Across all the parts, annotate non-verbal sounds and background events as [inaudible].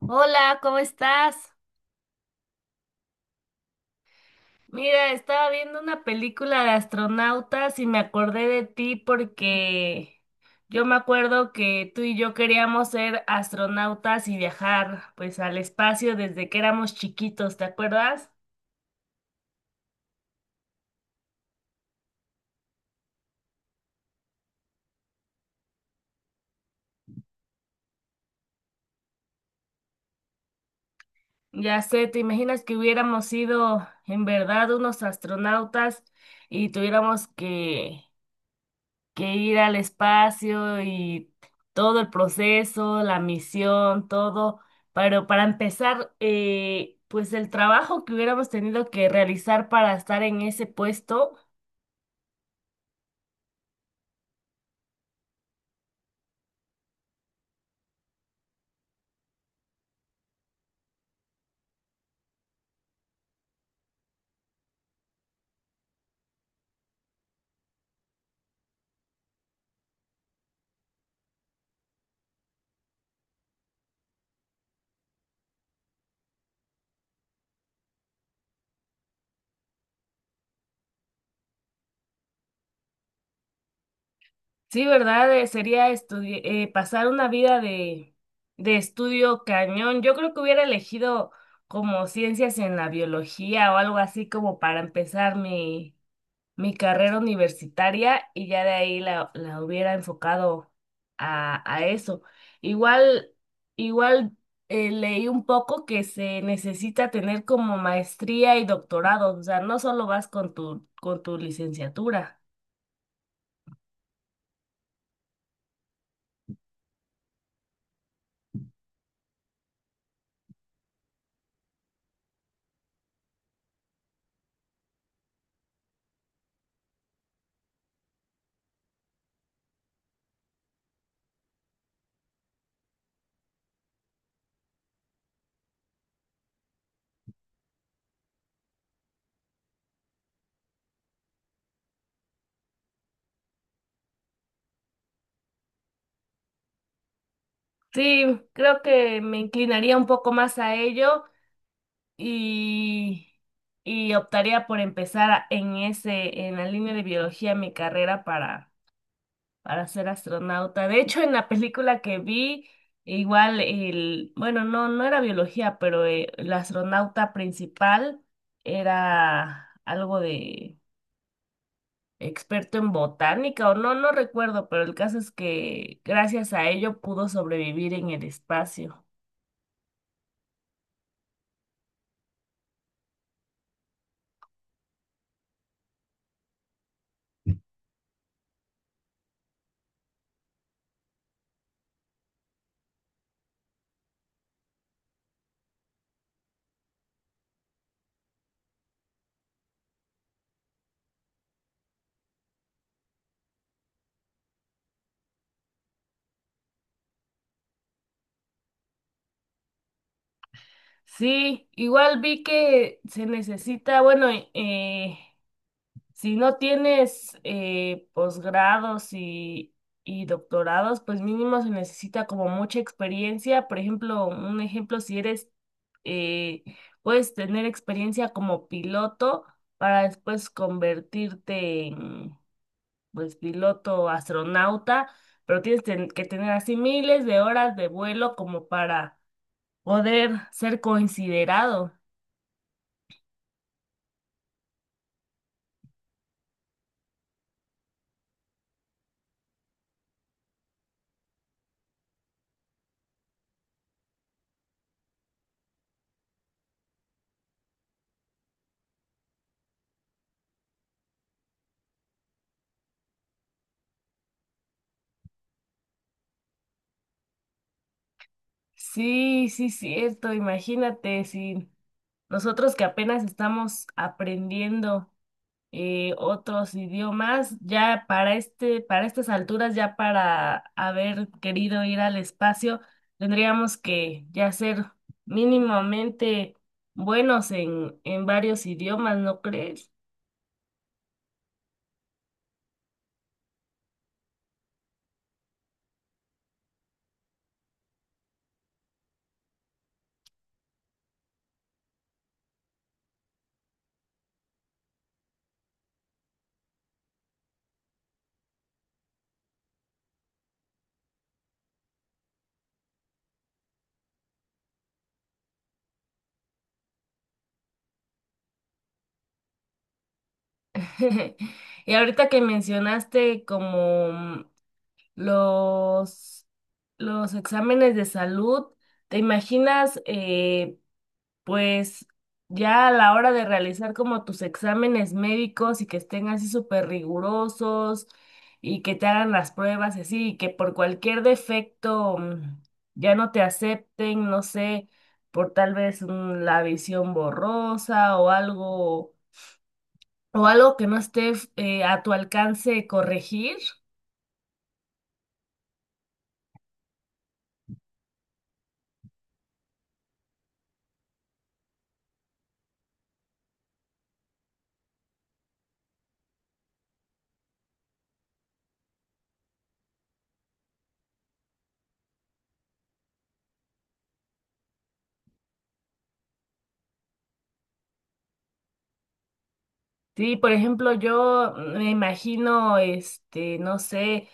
Hola, ¿cómo estás? Mira, estaba viendo una película de astronautas y me acordé de ti porque yo me acuerdo que tú y yo queríamos ser astronautas y viajar pues al espacio desde que éramos chiquitos, ¿te acuerdas? Ya sé, ¿te imaginas que hubiéramos sido en verdad unos astronautas y tuviéramos que ir al espacio y todo el proceso, la misión, todo. Pero para empezar, pues el trabajo que hubiéramos tenido que realizar para estar en ese puesto, sí, ¿verdad? Sería pasar una vida de estudio cañón. Yo creo que hubiera elegido como ciencias en la biología o algo así como para empezar mi carrera universitaria y ya de ahí la hubiera enfocado a eso. Igual, igual, leí un poco que se necesita tener como maestría y doctorado, o sea, no solo vas con con tu licenciatura. Sí, creo que me inclinaría un poco más a ello y, y optaría por en en la línea de biología mi carrera para ser astronauta. De hecho, en la película que vi, igual el, bueno, no era biología, pero el astronauta principal era algo de experto en botánica o no recuerdo, pero el caso es que gracias a ello pudo sobrevivir en el espacio. Sí, igual vi que se necesita, bueno, eh, si no tienes posgrados y doctorados, pues mínimo se necesita como mucha experiencia. Por ejemplo, un ejemplo, si eres, eh, puedes tener experiencia como piloto para después convertirte en, pues, piloto astronauta, pero que tener así miles de horas de vuelo como para poder ser considerado. Sí, sí, cierto. Imagínate si nosotros que apenas estamos aprendiendo otros idiomas, ya para para estas alturas, ya para haber querido ir al espacio, tendríamos que ya ser mínimamente buenos en varios idiomas, ¿no crees? [laughs] Y ahorita que mencionaste como Los, los exámenes de salud, ¿te imaginas, pues ya a la hora de realizar como tus exámenes médicos y que estén así súper rigurosos y que te hagan las pruebas y así, y que por cualquier defecto ya no te acepten, no sé, por tal vez la visión borrosa o algo que no esté a tu alcance corregir? Sí, por ejemplo, yo me imagino, este, no sé,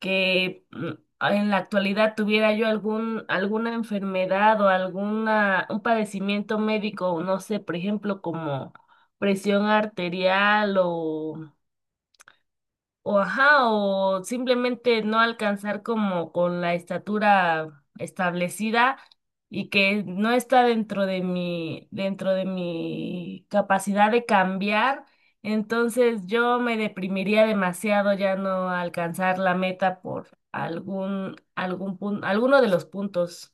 que mm, en la actualidad tuviera yo alguna enfermedad o alguna, un padecimiento médico, no sé, por ejemplo, como presión arterial o ajá, o simplemente no alcanzar como con la estatura establecida y que no está dentro de dentro de mi capacidad de cambiar, entonces yo me deprimiría demasiado ya no alcanzar la meta por algún punto, alguno de los puntos.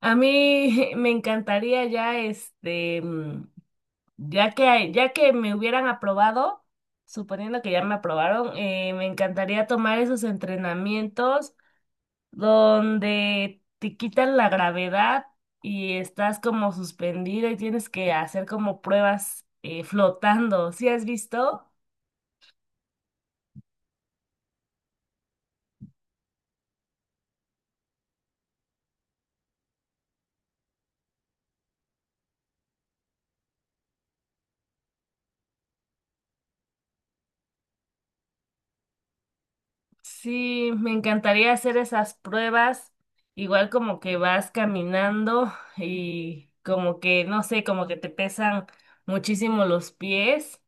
A mí [laughs] me encantaría ya este ya ya que me hubieran aprobado, suponiendo que ya me aprobaron, me encantaría tomar esos entrenamientos donde te quitan la gravedad y estás como suspendido y tienes que hacer como pruebas flotando. ¿Sí has visto? Sí, me encantaría hacer esas pruebas, igual como que vas caminando y como que, no sé, como que te pesan muchísimo los pies.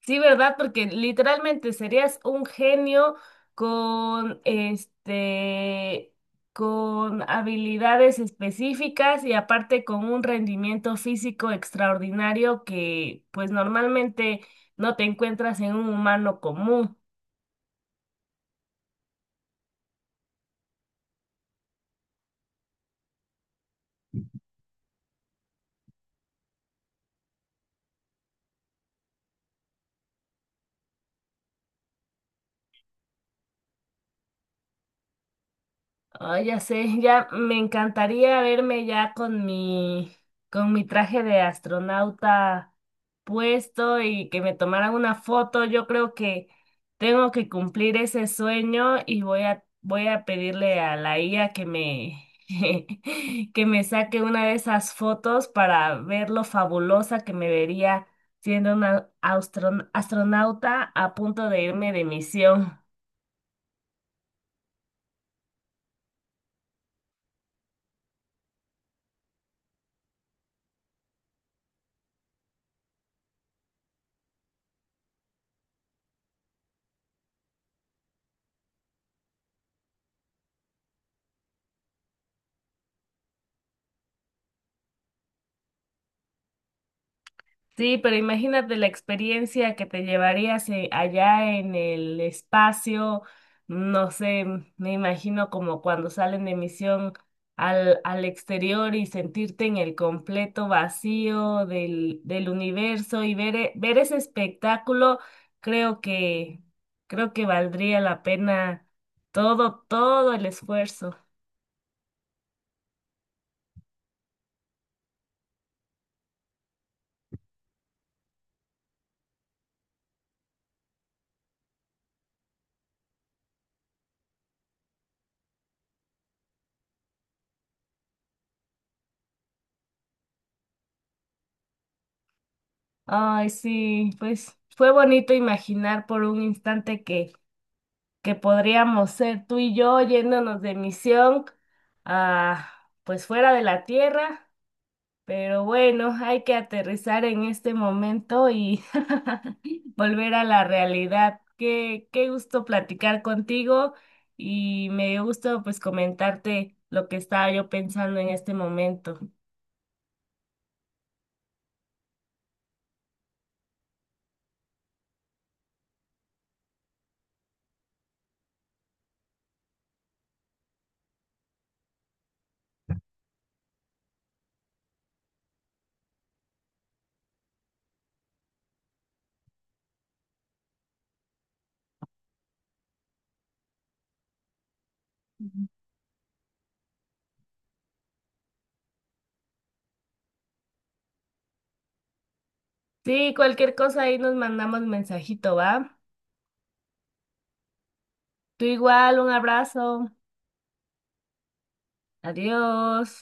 Sí, ¿verdad? Porque literalmente serías un genio con este, con habilidades específicas y aparte con un rendimiento físico extraordinario que pues normalmente no te encuentras en un humano común. Ay, ya sé, ya me encantaría verme ya con con mi traje de astronauta puesto y que me tomaran una foto. Yo creo que tengo que cumplir ese sueño y voy a pedirle a la IA que me, [laughs] que me saque una de esas fotos para ver lo fabulosa que me vería siendo una astronauta a punto de irme de misión. Sí, pero imagínate la experiencia que te llevarías allá en el espacio, no sé, me imagino como cuando salen de misión al exterior y sentirte en el completo vacío del universo y ver ese espectáculo, creo que, creo que valdría la pena todo el esfuerzo. Ay, sí, pues fue bonito imaginar por un instante que podríamos ser tú y yo yéndonos de misión a, pues fuera de la Tierra, pero bueno, hay que aterrizar en este momento y [laughs] volver a la realidad. Qué gusto platicar contigo y me dio gusto pues comentarte lo que estaba yo pensando en este momento. Sí, cualquier cosa ahí nos mandamos mensajito, ¿va? Tú igual, un abrazo. Adiós.